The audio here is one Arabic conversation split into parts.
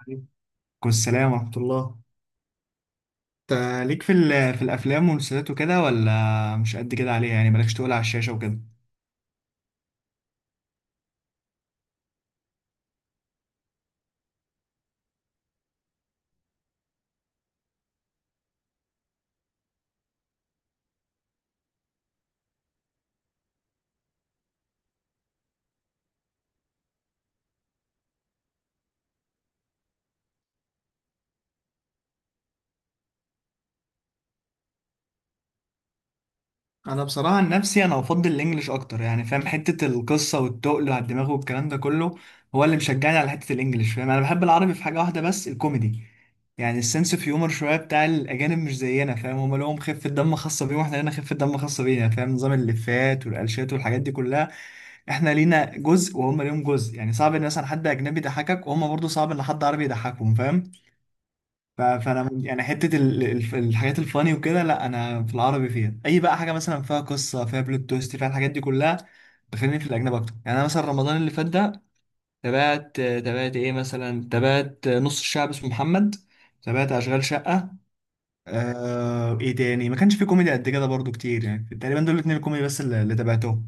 عليكم السلام ورحمة الله. انت ليك في الأفلام والمسلسلات وكده ولا مش قد كده عليها؟ يعني مالكش تقول على الشاشة وكده. انا بصراحه عن نفسي، انا افضل الانجليش اكتر، يعني فاهم حته القصه والتقل على الدماغ والكلام ده كله هو اللي مشجعني على حته الانجليش، فاهم. انا بحب العربي في حاجه واحده بس، الكوميدي. يعني السنس اوف هيومر شويه بتاع الاجانب مش زينا، فاهم، هما لهم خفه دم خاصه بيهم واحنا لنا خفه دم خاصه بينا، فاهم، نظام اللفات والقلشات والحاجات دي كلها. احنا لينا جزء وهم ليهم جزء، يعني صعب ان مثلا حد اجنبي يضحكك، وهم برضه صعب ان حد عربي يضحكهم، فاهم. فانا يعني حته الحاجات الفاني وكده، لا، انا في العربي فيها اي بقى، حاجه مثلا فيها قصه، فيها بلوت تويست، فيها الحاجات دي كلها بخليني في الاجنبي اكتر. يعني انا مثلا رمضان اللي فات ده تابعت ايه مثلا، تابعت نص الشعب اسمه محمد، تابعت اشغال شقه. ايه تاني؟ ما كانش في كوميدي قد كده برضو كتير، يعني تقريبا دول الاتنين الكوميدي بس اللي تابعتهم.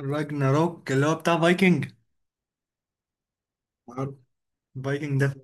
راجناروك اللي هو بتاع فايكنج. فايكنج ده،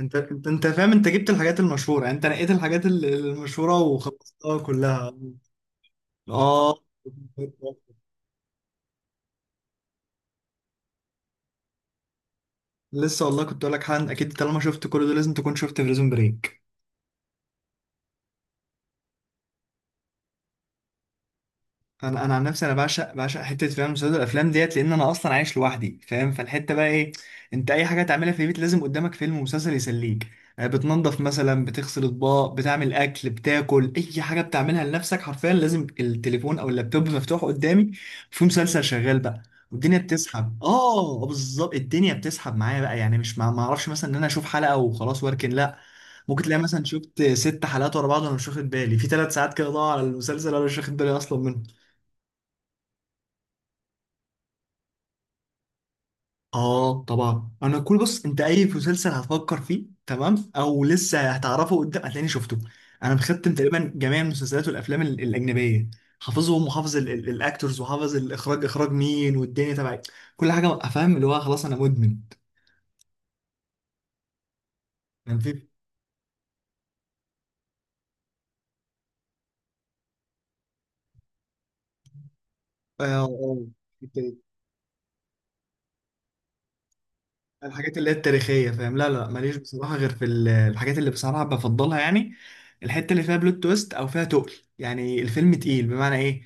انت فاهم، انت جبت الحاجات المشهوره، يعني انت نقيت الحاجات المشهوره وخلصتها كلها. اه، لسه والله كنت اقول لك، حن اكيد طالما شفت كل ده لازم تكون شفت بريزون بريك. انا عن نفسي، انا بعشق حته، فاهم، مسلسلات الافلام ديت، لان انا اصلا عايش لوحدي، فاهم. فالحته بقى ايه، انت اي حاجه تعملها في البيت لازم قدامك فيلم ومسلسل يسليك. بتنظف مثلا، بتغسل اطباق، بتعمل اكل، بتاكل، اي حاجه بتعملها لنفسك حرفيا لازم التليفون او اللابتوب مفتوح قدامي في مسلسل شغال بقى. والدنيا بتسحب، اه، بالظبط، الدنيا بتسحب معايا بقى، يعني مش ما اعرفش مثلا ان انا اشوف حلقه وخلاص واركن، لا، ممكن تلاقي مثلا شفت 6 حلقات ورا بعض وانا مش واخد بالي، في 3 ساعات كده ضاعوا على المسلسل وانا مش واخد بالي اصلا منهم. اه طبعا، انا بص، انت اي مسلسل هتفكر فيه تمام او لسه هتعرفه قدام هتلاقيني شفته. انا مختم تقريبا جميع المسلسلات والافلام الاجنبيه، حافظهم وحافظ الاكتورز وحافظ الاخراج، اخراج مين والدنيا تبعي، كل حاجه افهم، اللي هو خلاص انا مدمن. كان في اه آه. الحاجات اللي هي التاريخية، فاهم، لا لا ماليش بصراحة غير في الحاجات اللي بصراحة بفضلها، يعني الحتة اللي فيها بلوت تويست أو فيها تقل. يعني الفيلم تقيل بمعنى إيه؟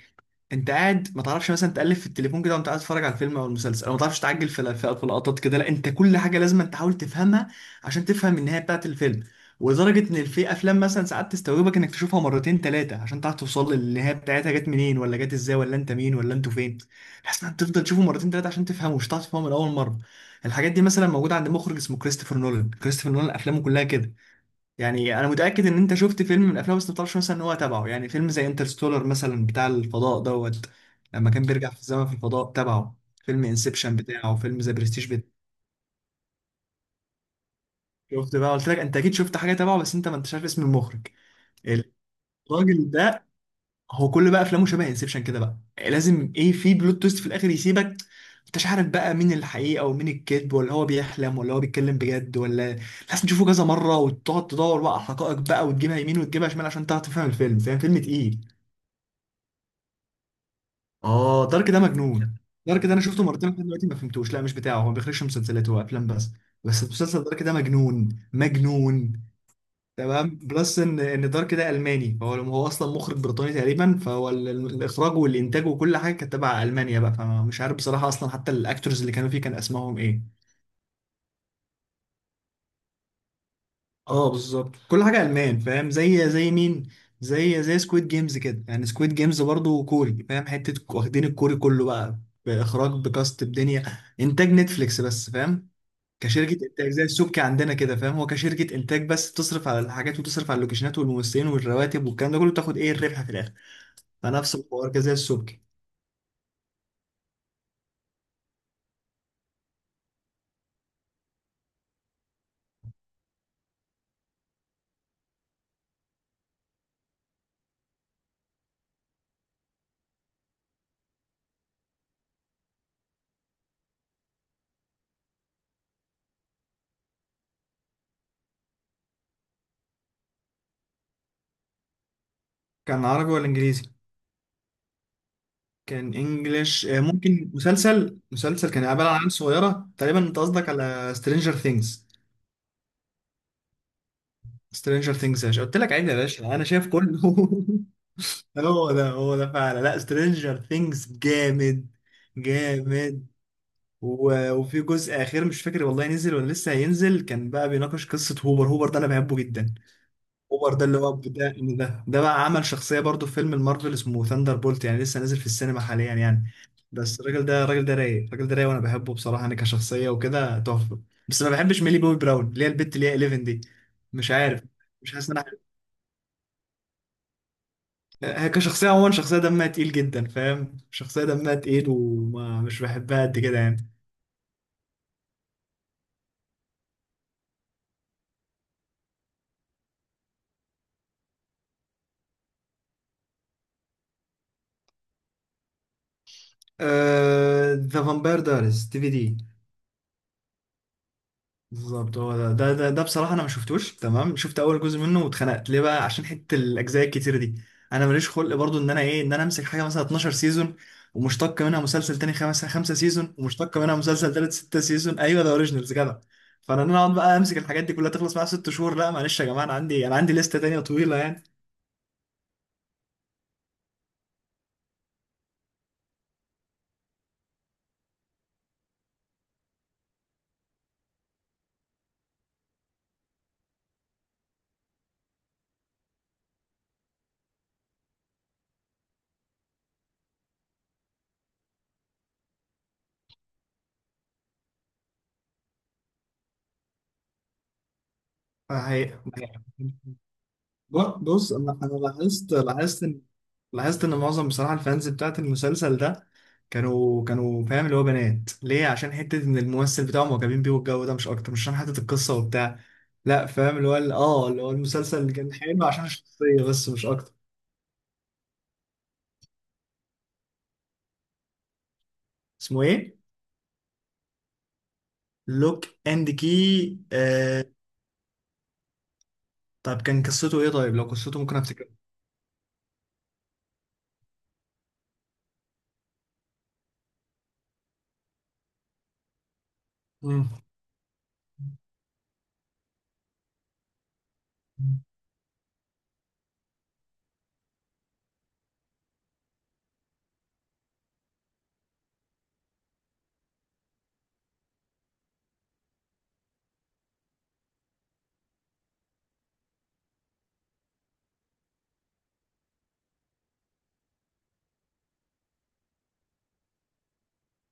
أنت قاعد ما تعرفش مثلا تقلب في التليفون كده وأنت قاعد تتفرج على الفيلم أو المسلسل، أو ما تعرفش تعجل في ال- في في لقطات كده، لا، أنت كل حاجة لازم أنت تحاول تفهمها عشان تفهم النهاية بتاعة الفيلم. ولدرجة إن في أفلام مثلا ساعات تستوعبك إنك تشوفها مرتين تلاتة عشان تعرف توصل للنهاية بتاعتها جت منين ولا جت إزاي، ولا أنت مين ولا أنتوا فين، بحيث إنك تفضل تشوفه مرتين تلاتة عشان تفهمه، مش هتعرف تفهمه من أول مرة. الحاجات دي مثلا موجوده عند مخرج اسمه كريستوفر نولان. كريستوفر نولان افلامه كلها كده، يعني انا متاكد ان انت شفت فيلم من افلامه بس ما تعرفش مثلا ان هو تبعه. يعني فيلم زي انترستولر مثلا، بتاع الفضاء دوت، لما كان بيرجع في الزمن في الفضاء تبعه، فيلم انسبشن بتاعه، فيلم زي برستيج بتاعه. شفت بقى، قلت لك انت اكيد شفت حاجه تبعه بس انت ما انتش عارف اسم المخرج. الراجل ده، هو كل بقى افلامه شبه انسبشن كده بقى، لازم ايه، في بلوت تويست في الاخر يسيبك انتش عارف بقى مين الحقيقه ومين الكذب، ولا هو بيحلم ولا هو بيتكلم بجد، ولا لازم تشوفه كذا مره وتقعد تدور بقى على حقائق بقى، وتجيبها يمين وتجيبها شمال عشان تعرف تفهم الفيلم، فاهم، فيلم تقيل. اه، دارك ده مجنون. دارك ده انا شفته مرتين لحد دلوقتي ما فهمتوش. لا مش بتاعه، هو ما بيخرجش مسلسلات، هو افلام بس. بس المسلسل دارك ده مجنون مجنون. تمام، بلس ان دارك ده الماني، فهو اصلا مخرج بريطاني تقريبا، فهو الاخراج والانتاج وكل حاجه كانت تبع المانيا بقى، فمش عارف بصراحه اصلا حتى الاكتورز اللي كانوا فيه كان اسمائهم ايه. اه بالظبط، كل حاجه المان، فاهم، زي مين، زي سكويد جيمز كده، يعني سكويد جيمز برضه كوري، فاهم، حته واخدين الكوري كله بقى، باخراج بكاست بدنيا. انتاج نتفليكس بس، فاهم، كشركة إنتاج زي السبكي عندنا كده، فاهم، هو كشركة إنتاج بس تصرف على الحاجات وتصرف على اللوكيشنات والممثلين والرواتب والكلام ده كله، تاخد إيه الربح في الآخر. فنفس الحوار كده زي السبكي. كان عربي ولا انجليزي؟ كان انجليش. ممكن مسلسل كان عبارة عن عيال صغيرة تقريبا؟ انت قصدك على سترينجر ثينجز. سترينجر ثينجز يا باشا، قلت لك عيب يا باشا، انا شايف كله هو ده هو ده فعلا، لا، سترينجر ثينجز جامد. جامد. و- وفي جزء اخير مش فاكر والله نزل ولا لسه هينزل، كان بقى بيناقش قصة هوبر. هوبر ده انا بحبه جدا. اوبر ده اللي هو بتاع إن ده بقى عمل شخصيه برضو في فيلم المارفل اسمه ثاندر بولت، يعني لسه نازل في السينما حاليا يعني. بس الراجل ده رايق، الراجل ده رايق، وانا بحبه بصراحه انا كشخصيه وكده، تحفه. بس ما بحبش ميلي بوبي براون اللي هي البت اللي هي 11 دي، مش عارف، مش حاسس ان انا، هي كشخصيه عموما شخصيه دمها تقيل جدا، فاهم، شخصيه دمها تقيل ومش بحبها قد كده يعني. ذا فامباير دايريز دي في دي. بالظبط هو ده, بصراحة أنا ما شفتوش. تمام، شفت أول جزء منه واتخنقت، ليه بقى؟ عشان حتة الأجزاء الكتير دي، أنا ماليش خلق برضو إن أنا أمسك حاجة مثلا 12 سيزون، ومشتق منها مسلسل تاني خمسة سيزون، ومشتق منها مسلسل تالت 6 سيزون، أيوه ده أوريجينالز كده. فأنا إن أنا أقعد بقى أمسك الحاجات دي كلها تخلص معايا 6 شهور، لا معلش يا جماعة، أنا عندي لستة تانية طويلة يعني. فهي بص، انا لاحظت ان معظم بصراحه الفانز بتاعت المسلسل ده كانوا فاهم اللي هو بنات، ليه؟ عشان حته ان الممثل بتاعهم معجبين بيه والجو ده مش اكتر، مش عشان حته القصه وبتاع، لا، فاهم، اللي هو اللي هو المسلسل اللي كان حلو عشان الشخصيه بس مش اكتر. اسمه ايه؟ لوك اند كي، آه. طب كان قصته ايه؟ طيب لو قصته ممكن افتكرها. مم.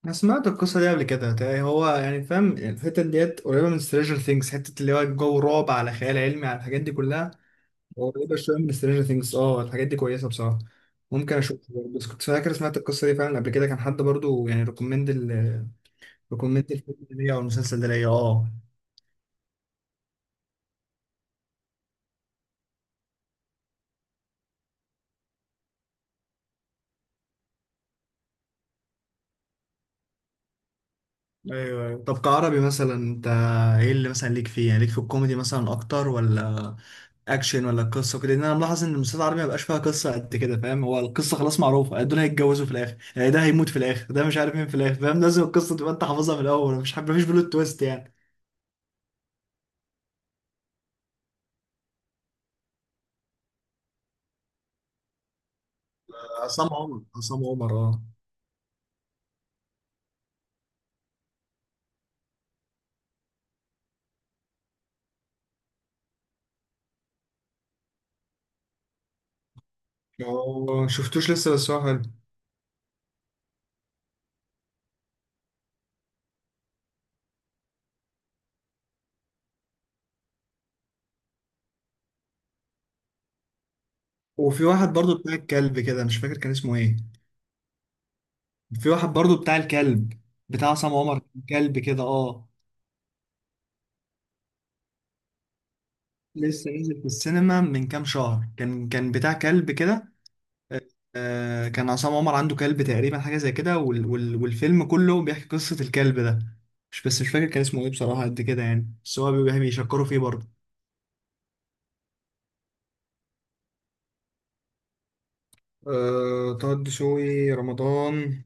انا سمعت القصه دي قبل كده، تلاقي هو يعني فاهم الحته ديت قريبه من سترينجر ثينجز، حته اللي هو جو رعب على خيال علمي على الحاجات دي كلها، قريبه شويه من سترينجر ثينجز. اه، الحاجات دي كويسه بصراحه، ممكن اشوف. بس كنت فاكر سمعت القصه دي فعلا قبل كده، كان حد برضو يعني ريكومند الفيلم ده ليا او المسلسل ده ليا، اه. ايوه ايوه، طب كعربي مثلا انت، ايه اللي مثلا ليك فيه؟ يعني ليك في الكوميدي مثلا اكتر، ولا اكشن، ولا قصه وكده؟ لان انا ملاحظ ان المسلسلات العربيه ما بقاش فيها قصه قد كده، فاهم، هو القصه خلاص معروفه، دول هيتجوزوا في الاخر، يعني ده هيموت في الاخر، ده مش عارف مين في الاخر، فاهم لازم القصه تبقى انت حافظها من الاول، مش حابب، مفيش بلوت تويست يعني. عصام عمر، عصام عمر، اه. ما شفتوش لسه بس هو حلو. وفي واحد برضو بتاع الكلب كده، مش فاكر كان اسمه ايه. في واحد برضو بتاع الكلب بتاع عصام عمر، كلب كده، اه. لسه نزل في السينما من كام شهر، كان بتاع كلب كده. كان عصام عمر عنده كلب تقريبا، حاجة زي كده، والفيلم كله بيحكي قصة الكلب ده. مش بس مش فاكر كان اسمه ايه بصراحة قد كده يعني، بس هو بيشكروا فيه برضه. أه، طه الدسوقي رمضان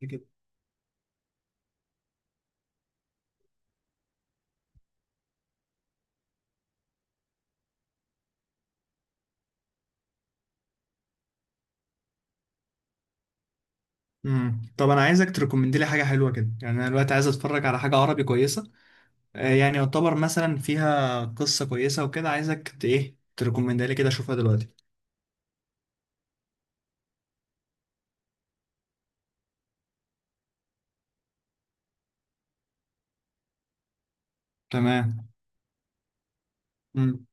كده. امم، طب انا عايزك تريكومند لي حاجة حلوة كده، يعني انا دلوقتي عايز اتفرج على حاجة عربي كويسة. أه، يعني يعتبر مثلا فيها قصة كويسة وكده، عايزك ت- ايه تريكومند لي كده اشوفها دلوقتي. تمام. امم،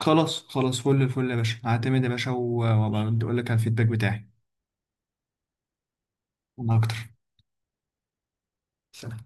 خلاص خلاص، فل الفل يا باشا، هعتمد يا باشا، وابقى اقول لك على الفيدباك بتاعي. انا اكتر. سلام.